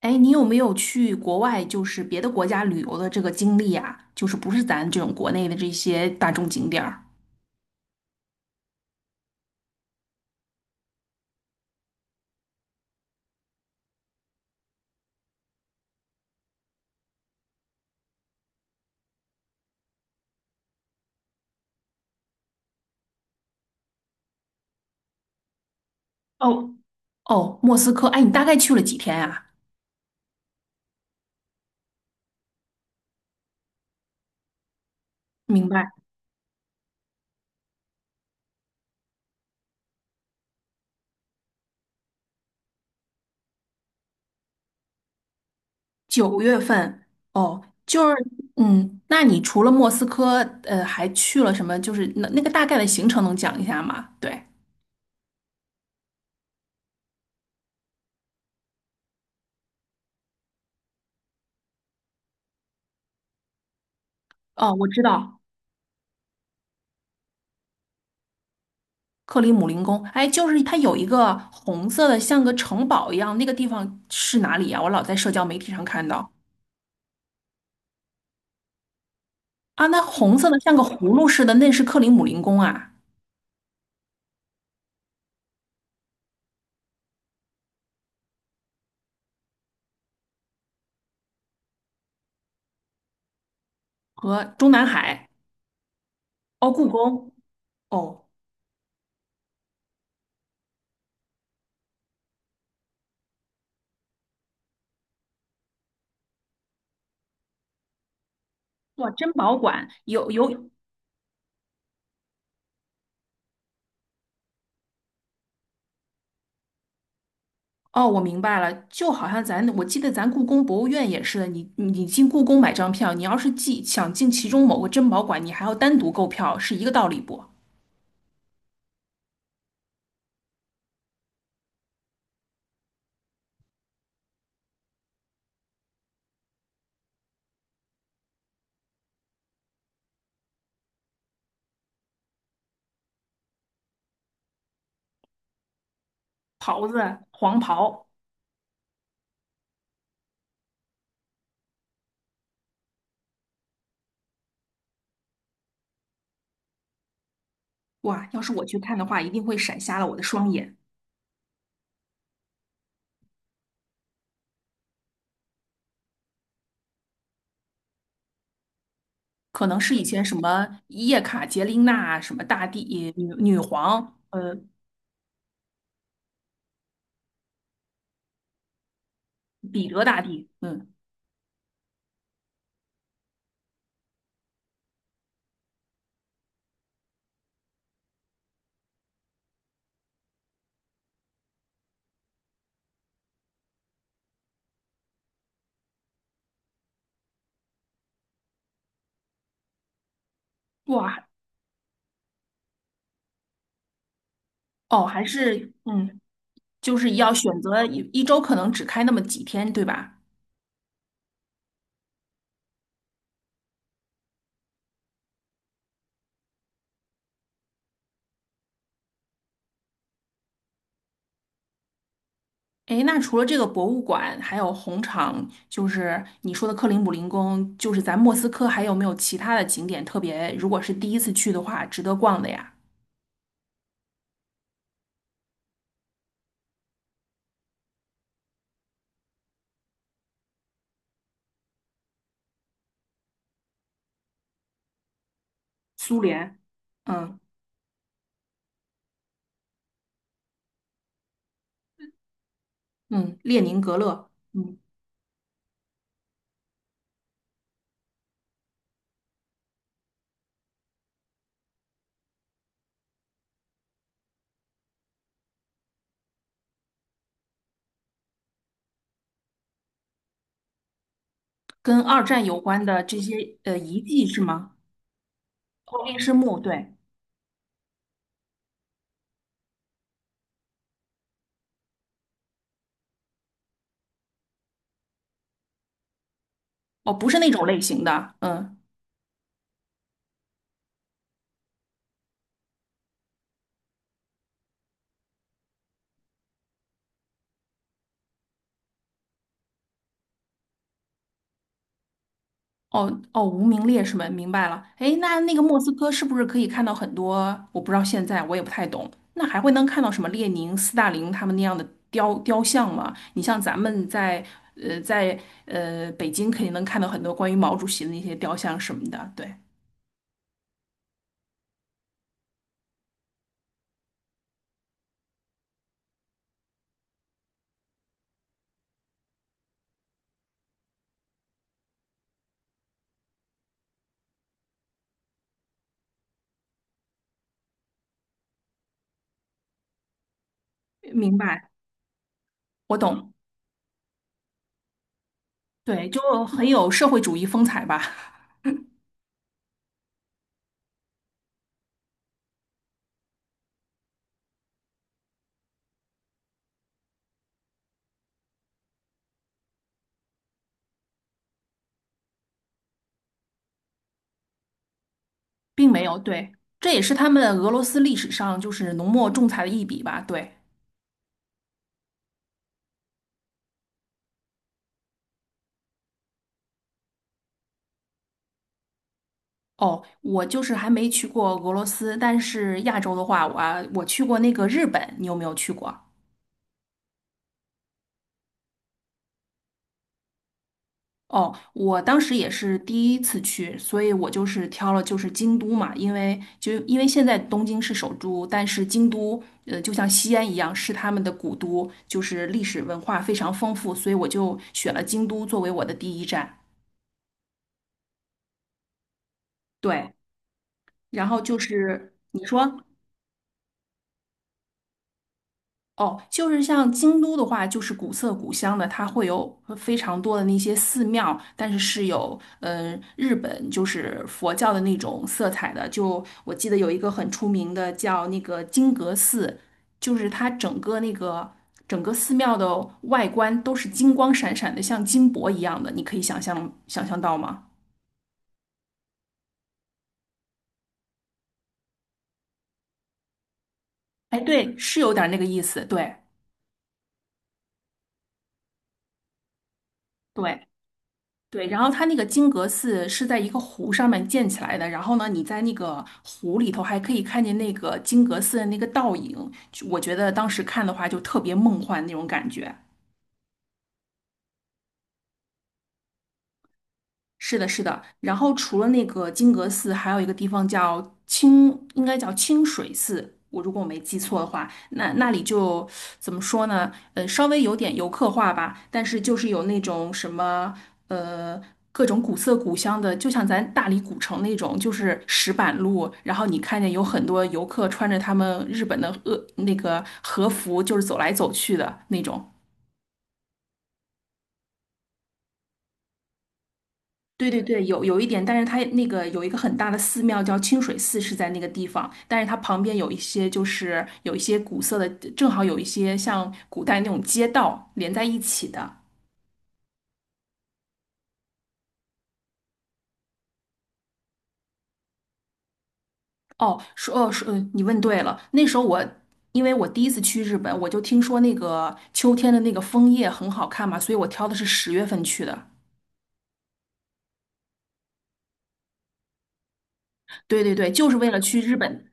哎，你有没有去国外，就是别的国家旅游的这个经历啊？就是不是咱这种国内的这些大众景点儿？哦，哦，莫斯科，哎，你大概去了几天呀？明白。九月份。哦，就是，嗯，那你除了莫斯科，还去了什么？就是那个大概的行程能讲一下吗？对。哦，我知道，克里姆林宫，哎，就是它有一个红色的，像个城堡一样，那个地方是哪里呀？我老在社交媒体上看到。啊，那红色的像个葫芦似的，那是克里姆林宫啊，和中南海。哦，故宫。哦。哇，珍宝馆有。哦，我明白了，就好像咱我记得咱故宫博物院也是的，你进故宫买张票，你要是进想进其中某个珍宝馆，你还要单独购票，是一个道理不？袍子黄袍。哇，要是我去看的话，一定会闪瞎了我的双眼。可能是以前什么叶卡捷琳娜啊、什么大帝、女皇，彼得大帝，嗯。哇。哦，还是嗯，就是要选择一周可能只开那么几天，对吧？诶，那除了这个博物馆，还有红场，就是你说的克林姆林宫，就是咱莫斯科还有没有其他的景点特别？如果是第一次去的话，值得逛的呀？苏联，嗯。嗯，列宁格勒，嗯，跟二战有关的这些遗迹是吗？哦，烈士墓，对。哦，不是那种类型的，嗯。哦哦，无名烈士们，明白了。哎，那那个莫斯科是不是可以看到很多？我不知道现在我也不太懂。那还会能看到什么列宁、斯大林他们那样的雕像吗？你像咱们在呃在北京肯定能看到很多关于毛主席的那些雕像什么的。对。明白。我懂。对，就很有社会主义风采吧。并没有。对，这也是他们俄罗斯历史上就是浓墨重彩的一笔吧。对。哦，我就是还没去过俄罗斯，但是亚洲的话，我去过那个日本，你有没有去过？哦，我当时也是第一次去，所以我就是挑了就是京都嘛，因为因为现在东京是首都，但是京都就像西安一样是他们的古都，就是历史文化非常丰富，所以我就选了京都作为我的第一站。对，然后就是你说。哦，就是像京都的话，就是古色古香的，它会有非常多的那些寺庙，但是是有嗯、日本就是佛教的那种色彩的。就我记得有一个很出名的叫那个金阁寺，就是它整个那个整个寺庙的外观都是金光闪闪的，像金箔一样的，你可以想象到吗？哎，对，是有点儿那个意思，对对。对，然后它那个金阁寺是在一个湖上面建起来的，然后呢，你在那个湖里头还可以看见那个金阁寺的那个倒影，就我觉得当时看的话就特别梦幻那种感觉。是的，是的。然后除了那个金阁寺，还有一个地方叫清，应该叫清水寺。我如果我没记错的话，那那里就怎么说呢？稍微有点游客化吧，但是就是有那种什么呃各种古色古香的，就像咱大理古城那种，就是石板路。然后你看见有很多游客穿着他们日本的那个和服，就是走来走去的那种。对对对，有有一点，但是它那个有一个很大的寺庙叫清水寺，是在那个地方，但是它旁边有一些就是有一些古色的，正好有一些像古代那种街道连在一起的。哦，说哦说，你问对了，那时候我因为我第一次去日本，我就听说那个秋天的那个枫叶很好看嘛，所以我挑的是十月份去的。对对对，就是为了去日本。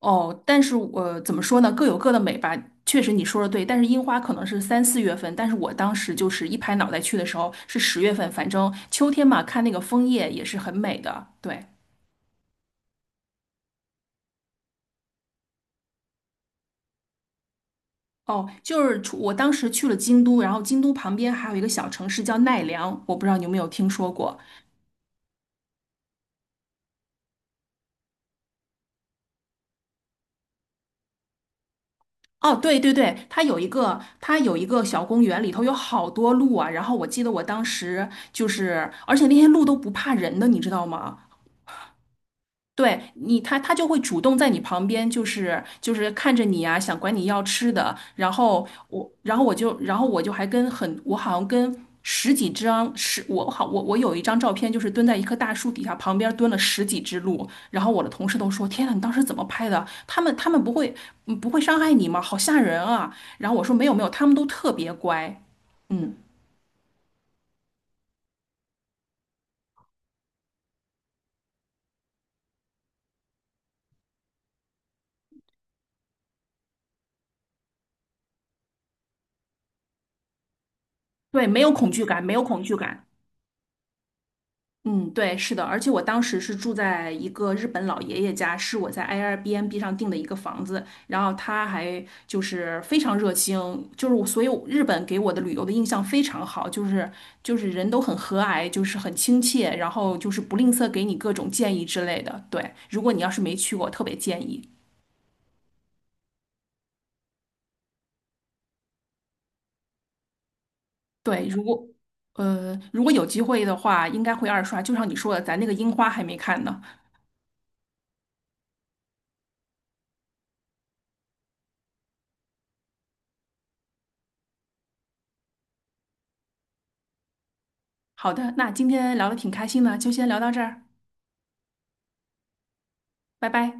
哦，但是我怎么说呢？各有各的美吧。确实你说的对，但是樱花可能是三四月份，但是我当时就是一拍脑袋去的时候是十月份，反正秋天嘛，看那个枫叶也是很美的。对。哦，就是除我当时去了京都，然后京都旁边还有一个小城市叫奈良，我不知道你有没有听说过。哦，对对对，它有一个，它有一个小公园，里头有好多鹿啊。然后我记得我当时就是，而且那些鹿都不怕人的，你知道吗？对你，他就会主动在你旁边，就是看着你啊，想管你要吃的。然后我，然后我就，然后我就还跟很，我好像跟十几张十，我好我我有一张照片，就是蹲在一棵大树底下，旁边蹲了十几只鹿。然后我的同事都说："天呐，你当时怎么拍的？他们不会不会伤害你吗？好吓人啊！"然后我说："没有没有，他们都特别乖，嗯，对，没有恐惧感，没有恐惧感。"嗯，对，是的，而且我当时是住在一个日本老爷爷家，是我在 Airbnb 上订的一个房子，然后他还就是非常热情，就是我，所以我日本给我的旅游的印象非常好，就是就是人都很和蔼，就是很亲切，然后就是不吝啬给你各种建议之类的。对，如果你要是没去过，特别建议。对，如果如果有机会的话，应该会二刷，就像你说的，咱那个樱花还没看呢。好的，那今天聊的挺开心的，就先聊到这儿，拜拜。